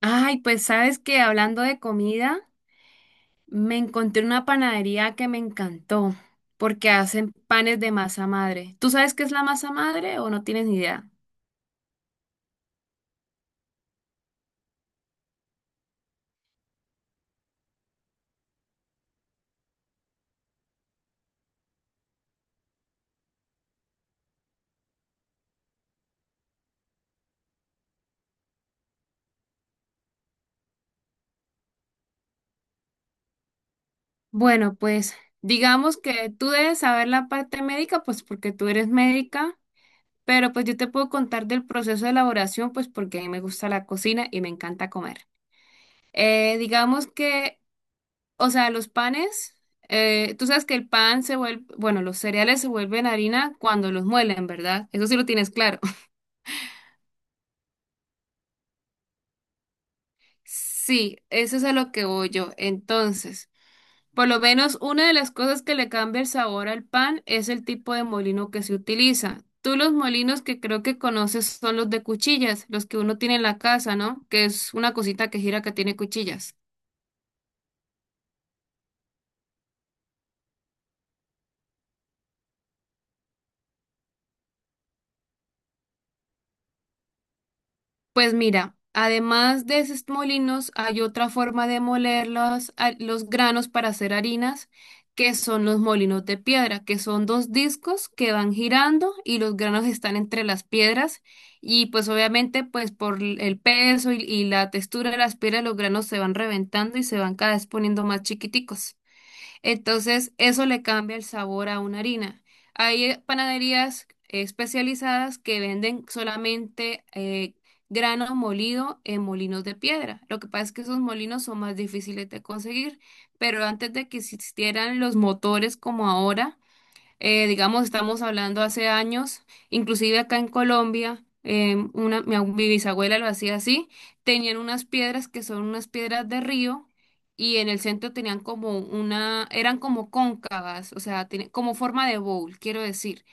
Ay, pues sabes que hablando de comida, me encontré una panadería que me encantó porque hacen panes de masa madre. ¿Tú sabes qué es la masa madre o no tienes ni idea? Bueno, pues digamos que tú debes saber la parte médica, pues porque tú eres médica, pero pues yo te puedo contar del proceso de elaboración, pues porque a mí me gusta la cocina y me encanta comer. Digamos que O sea, los panes, tú sabes que el pan se vuelve, bueno, los cereales se vuelven harina cuando los muelen, ¿verdad? Eso sí lo tienes claro. Sí, eso es a lo que voy yo. Entonces, por lo menos una de las cosas que le cambia el sabor al pan es el tipo de molino que se utiliza. Tú los molinos que creo que conoces son los de cuchillas, los que uno tiene en la casa, ¿no? Que es una cosita que gira que tiene cuchillas. Pues mira, además de esos molinos, hay otra forma de moler los granos para hacer harinas, que son los molinos de piedra, que son dos discos que van girando y los granos están entre las piedras y pues obviamente pues por el peso y la textura de las piedras los granos se van reventando y se van cada vez poniendo más chiquiticos. Entonces, eso le cambia el sabor a una harina. Hay panaderías especializadas que venden solamente grano molido en molinos de piedra. Lo que pasa es que esos molinos son más difíciles de conseguir, pero antes de que existieran los motores como ahora, digamos, estamos hablando hace años, inclusive acá en Colombia, mi bisabuela lo hacía así, tenían unas piedras que son unas piedras de río y en el centro tenían eran como cóncavas, o sea, como forma de bowl, quiero decir,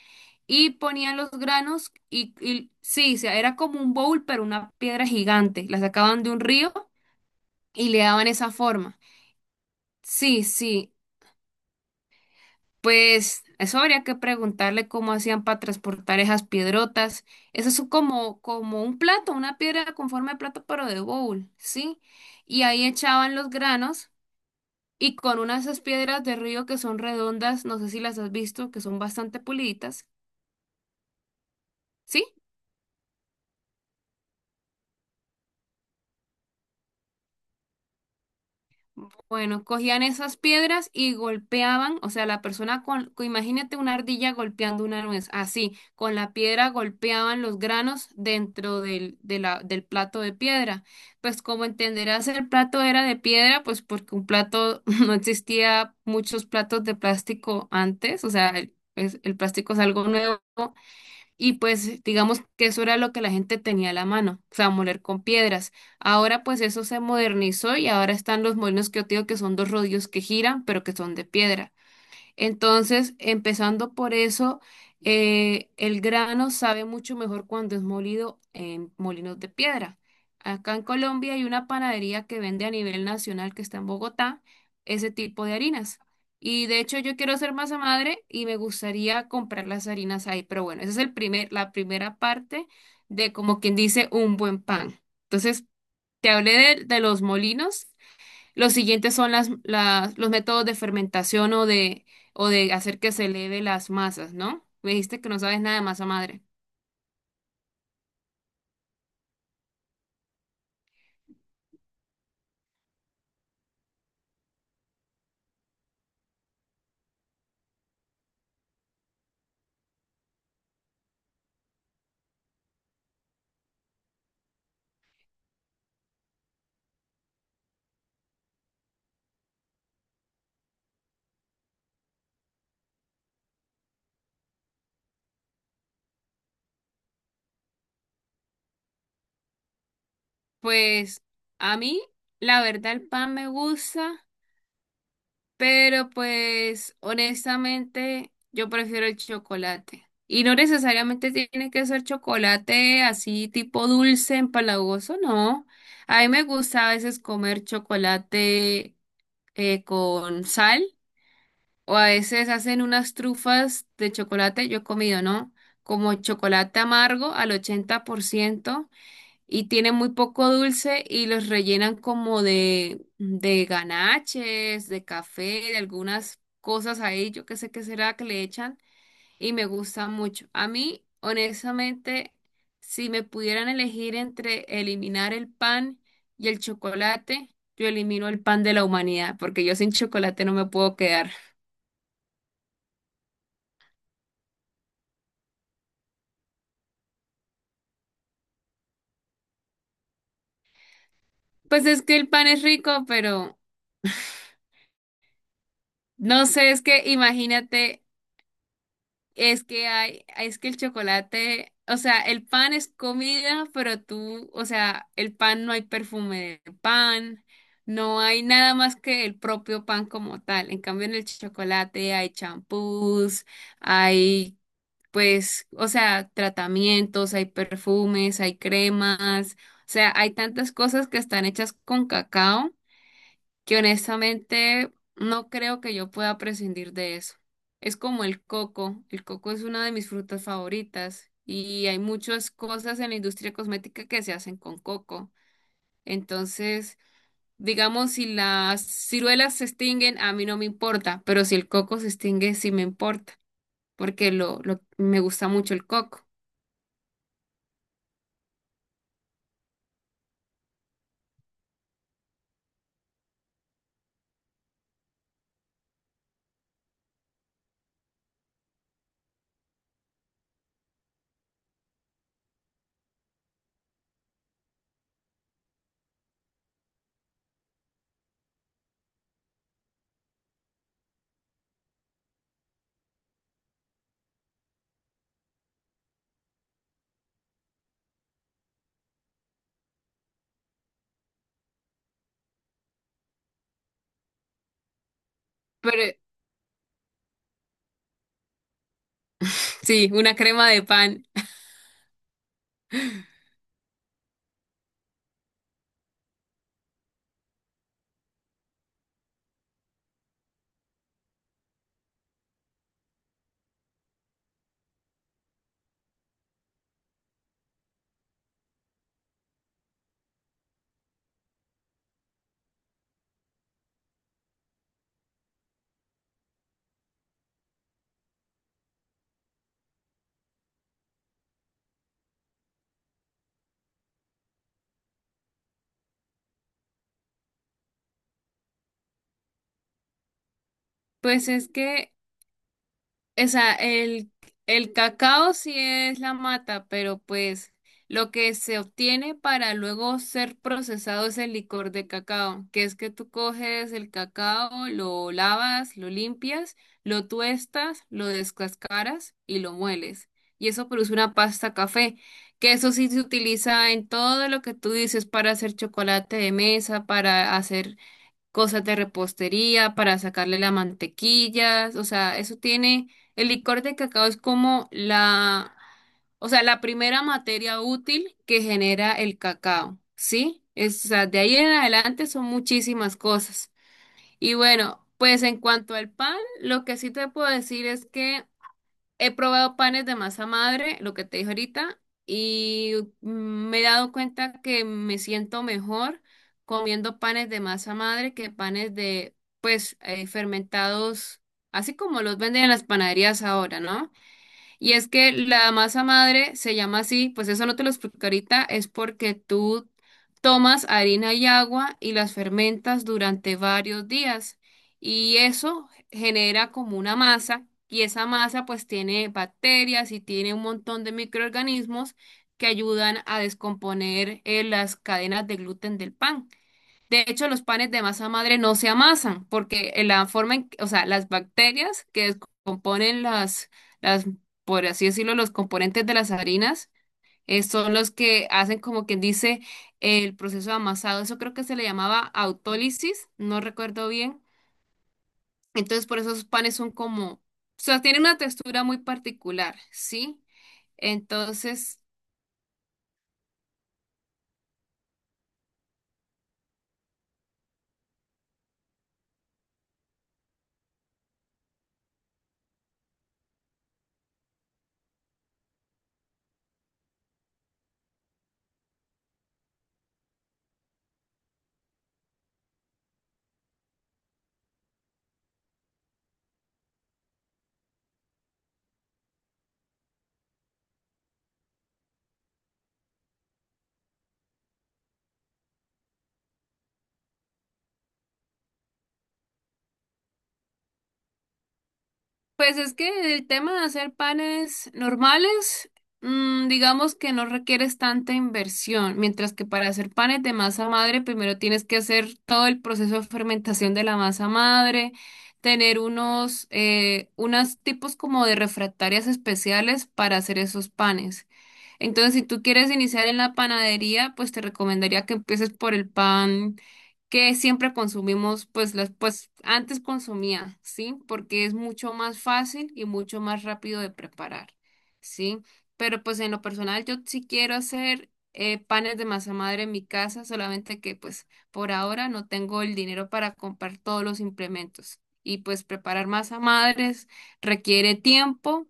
y ponían los granos y sí, o sea, era como un bowl, pero una piedra gigante, la sacaban de un río y le daban esa forma. Sí, sí. Pues eso habría que preguntarle cómo hacían para transportar esas piedrotas. Eso es como un plato, una piedra con forma de plato, pero de bowl, ¿sí? Y ahí echaban los granos y con unas esas piedras de río que son redondas, no sé si las has visto, que son bastante puliditas, ¿sí? Bueno, cogían esas piedras y golpeaban, o sea, la persona imagínate una ardilla golpeando una nuez, así, con la piedra golpeaban los granos dentro del plato de piedra. Pues como entenderás, el plato era de piedra, pues porque un plato no existía muchos platos de plástico antes, o sea, el plástico es algo nuevo y pues digamos que eso era lo que la gente tenía a la mano, o sea, moler con piedras. Ahora pues eso se modernizó y ahora están los molinos que yo te digo que son dos rodillos que giran, pero que son de piedra. Entonces, empezando por eso, el grano sabe mucho mejor cuando es molido en molinos de piedra. Acá en Colombia hay una panadería que vende a nivel nacional que está en Bogotá ese tipo de harinas. Y de hecho yo quiero ser masa madre y me gustaría comprar las harinas ahí. Pero bueno, esa es la primera parte de como quien dice un buen pan. Entonces, te hablé de los molinos. Los siguientes son los métodos de fermentación o de hacer que se eleve las masas, ¿no? Me dijiste que no sabes nada de masa madre. Pues a mí, la verdad, el pan me gusta, pero pues honestamente yo prefiero el chocolate. Y no necesariamente tiene que ser chocolate así tipo dulce, empalagoso, no. A mí me gusta a veces comer chocolate con sal. O a veces hacen unas trufas de chocolate, yo he comido, ¿no? Como chocolate amargo al 80% y tiene muy poco dulce y los rellenan como de ganaches, de café, de algunas cosas ahí, yo qué sé qué será que le echan y me gusta mucho. A mí, honestamente, si me pudieran elegir entre eliminar el pan y el chocolate, yo elimino el pan de la humanidad porque yo sin chocolate no me puedo quedar. Pues es que el pan es rico, pero no sé, es que imagínate, es que el chocolate, o sea, el pan es comida, pero tú, o sea, el pan no hay perfume de pan, no hay nada más que el propio pan como tal. En cambio, en el chocolate hay champús, hay, pues, o sea, tratamientos, hay perfumes, hay cremas, o sea, hay tantas cosas que están hechas con cacao que honestamente no creo que yo pueda prescindir de eso. Es como el coco. El coco es una de mis frutas favoritas y hay muchas cosas en la industria cosmética que se hacen con coco. Entonces, digamos, si las ciruelas se extinguen, a mí no me importa, pero si el coco se extingue, sí me importa, porque me gusta mucho el coco. Pero sí, una crema de pan. Pues es que o sea el cacao sí es la mata, pero pues lo que se obtiene para luego ser procesado es el licor de cacao, que es que tú coges el cacao, lo lavas, lo limpias, lo tuestas, lo descascaras y lo mueles. Y eso produce una pasta café, que eso sí se utiliza en todo lo que tú dices para hacer chocolate de mesa, para hacer cosas de repostería para sacarle la mantequilla, o sea, eso tiene, el licor de cacao es o sea, la primera materia útil que genera el cacao, ¿sí? Es, o sea, de ahí en adelante son muchísimas cosas. Y bueno, pues en cuanto al pan, lo que sí te puedo decir es que he probado panes de masa madre, lo que te dije ahorita, y mm, me he dado cuenta que me siento mejor comiendo panes de masa madre que panes de, pues, fermentados, así como los venden en las panaderías ahora, ¿no? Y es que la masa madre se llama así, pues eso no te lo explico ahorita, es porque tú tomas harina y agua y las fermentas durante varios días y eso genera como una masa y esa masa pues tiene bacterias y tiene un montón de microorganismos que ayudan a descomponer las cadenas de gluten del pan. De hecho, los panes de masa madre no se amasan porque en la forma en, que- o sea, las bacterias que descomponen las, por así decirlo, los componentes de las harinas, son los que hacen como quien dice el proceso de amasado. Eso creo que se le llamaba autólisis, no recuerdo bien. Entonces, por eso esos panes son o sea, tienen una textura muy particular, ¿sí? Entonces, pues es que el tema de hacer panes normales, digamos que no requieres tanta inversión, mientras que para hacer panes de masa madre, primero tienes que hacer todo el proceso de fermentación de la masa madre, tener unos tipos como de refractarias especiales para hacer esos panes. Entonces, si tú quieres iniciar en la panadería, pues te recomendaría que empieces por el pan que siempre consumimos, pues, pues antes consumía, ¿sí? Porque es mucho más fácil y mucho más rápido de preparar, ¿sí? Pero pues en lo personal yo sí quiero hacer panes de masa madre en mi casa, solamente que pues por ahora no tengo el dinero para comprar todos los implementos. Y pues preparar masa madres requiere tiempo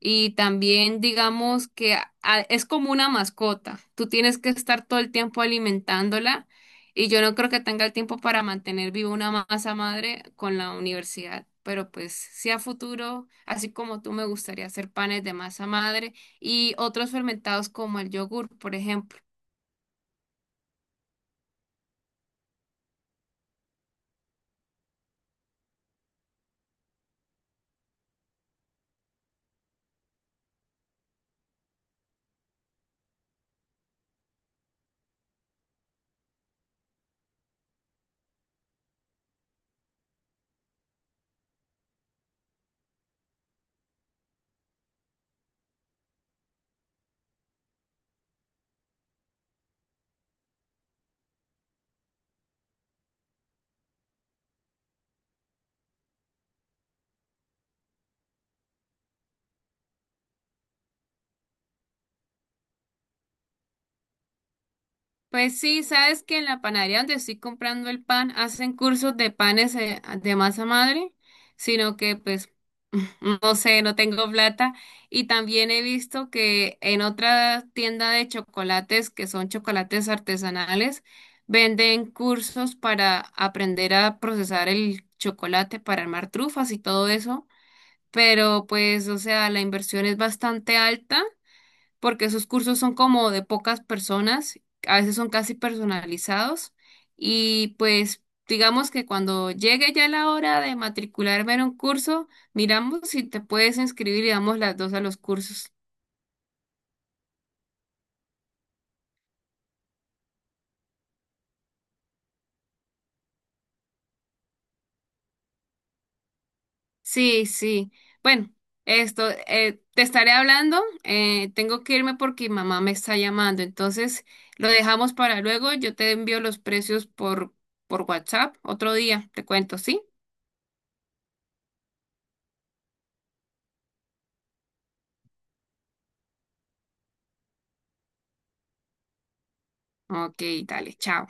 y también digamos que es como una mascota. Tú tienes que estar todo el tiempo alimentándola y yo no creo que tenga el tiempo para mantener viva una masa madre con la universidad, pero pues sí a futuro, así como tú, me gustaría hacer panes de masa madre y otros fermentados como el yogur, por ejemplo. Pues sí, sabes que en la panadería donde estoy comprando el pan hacen cursos de panes de masa madre, sino que pues no sé, no tengo plata. Y también he visto que en otra tienda de chocolates, que son chocolates artesanales, venden cursos para aprender a procesar el chocolate para armar trufas y todo eso. Pero pues, o sea, la inversión es bastante alta porque sus cursos son como de pocas personas, a veces son casi personalizados y pues digamos que cuando llegue ya la hora de matricularme en un curso, miramos si te puedes inscribir y damos las dos a los cursos. Sí, sí. Bueno, esto, te estaré hablando, tengo que irme porque mi mamá me está llamando, entonces lo dejamos para luego, yo te envío los precios por WhatsApp otro día, te cuento, ¿sí? Ok, dale, chao.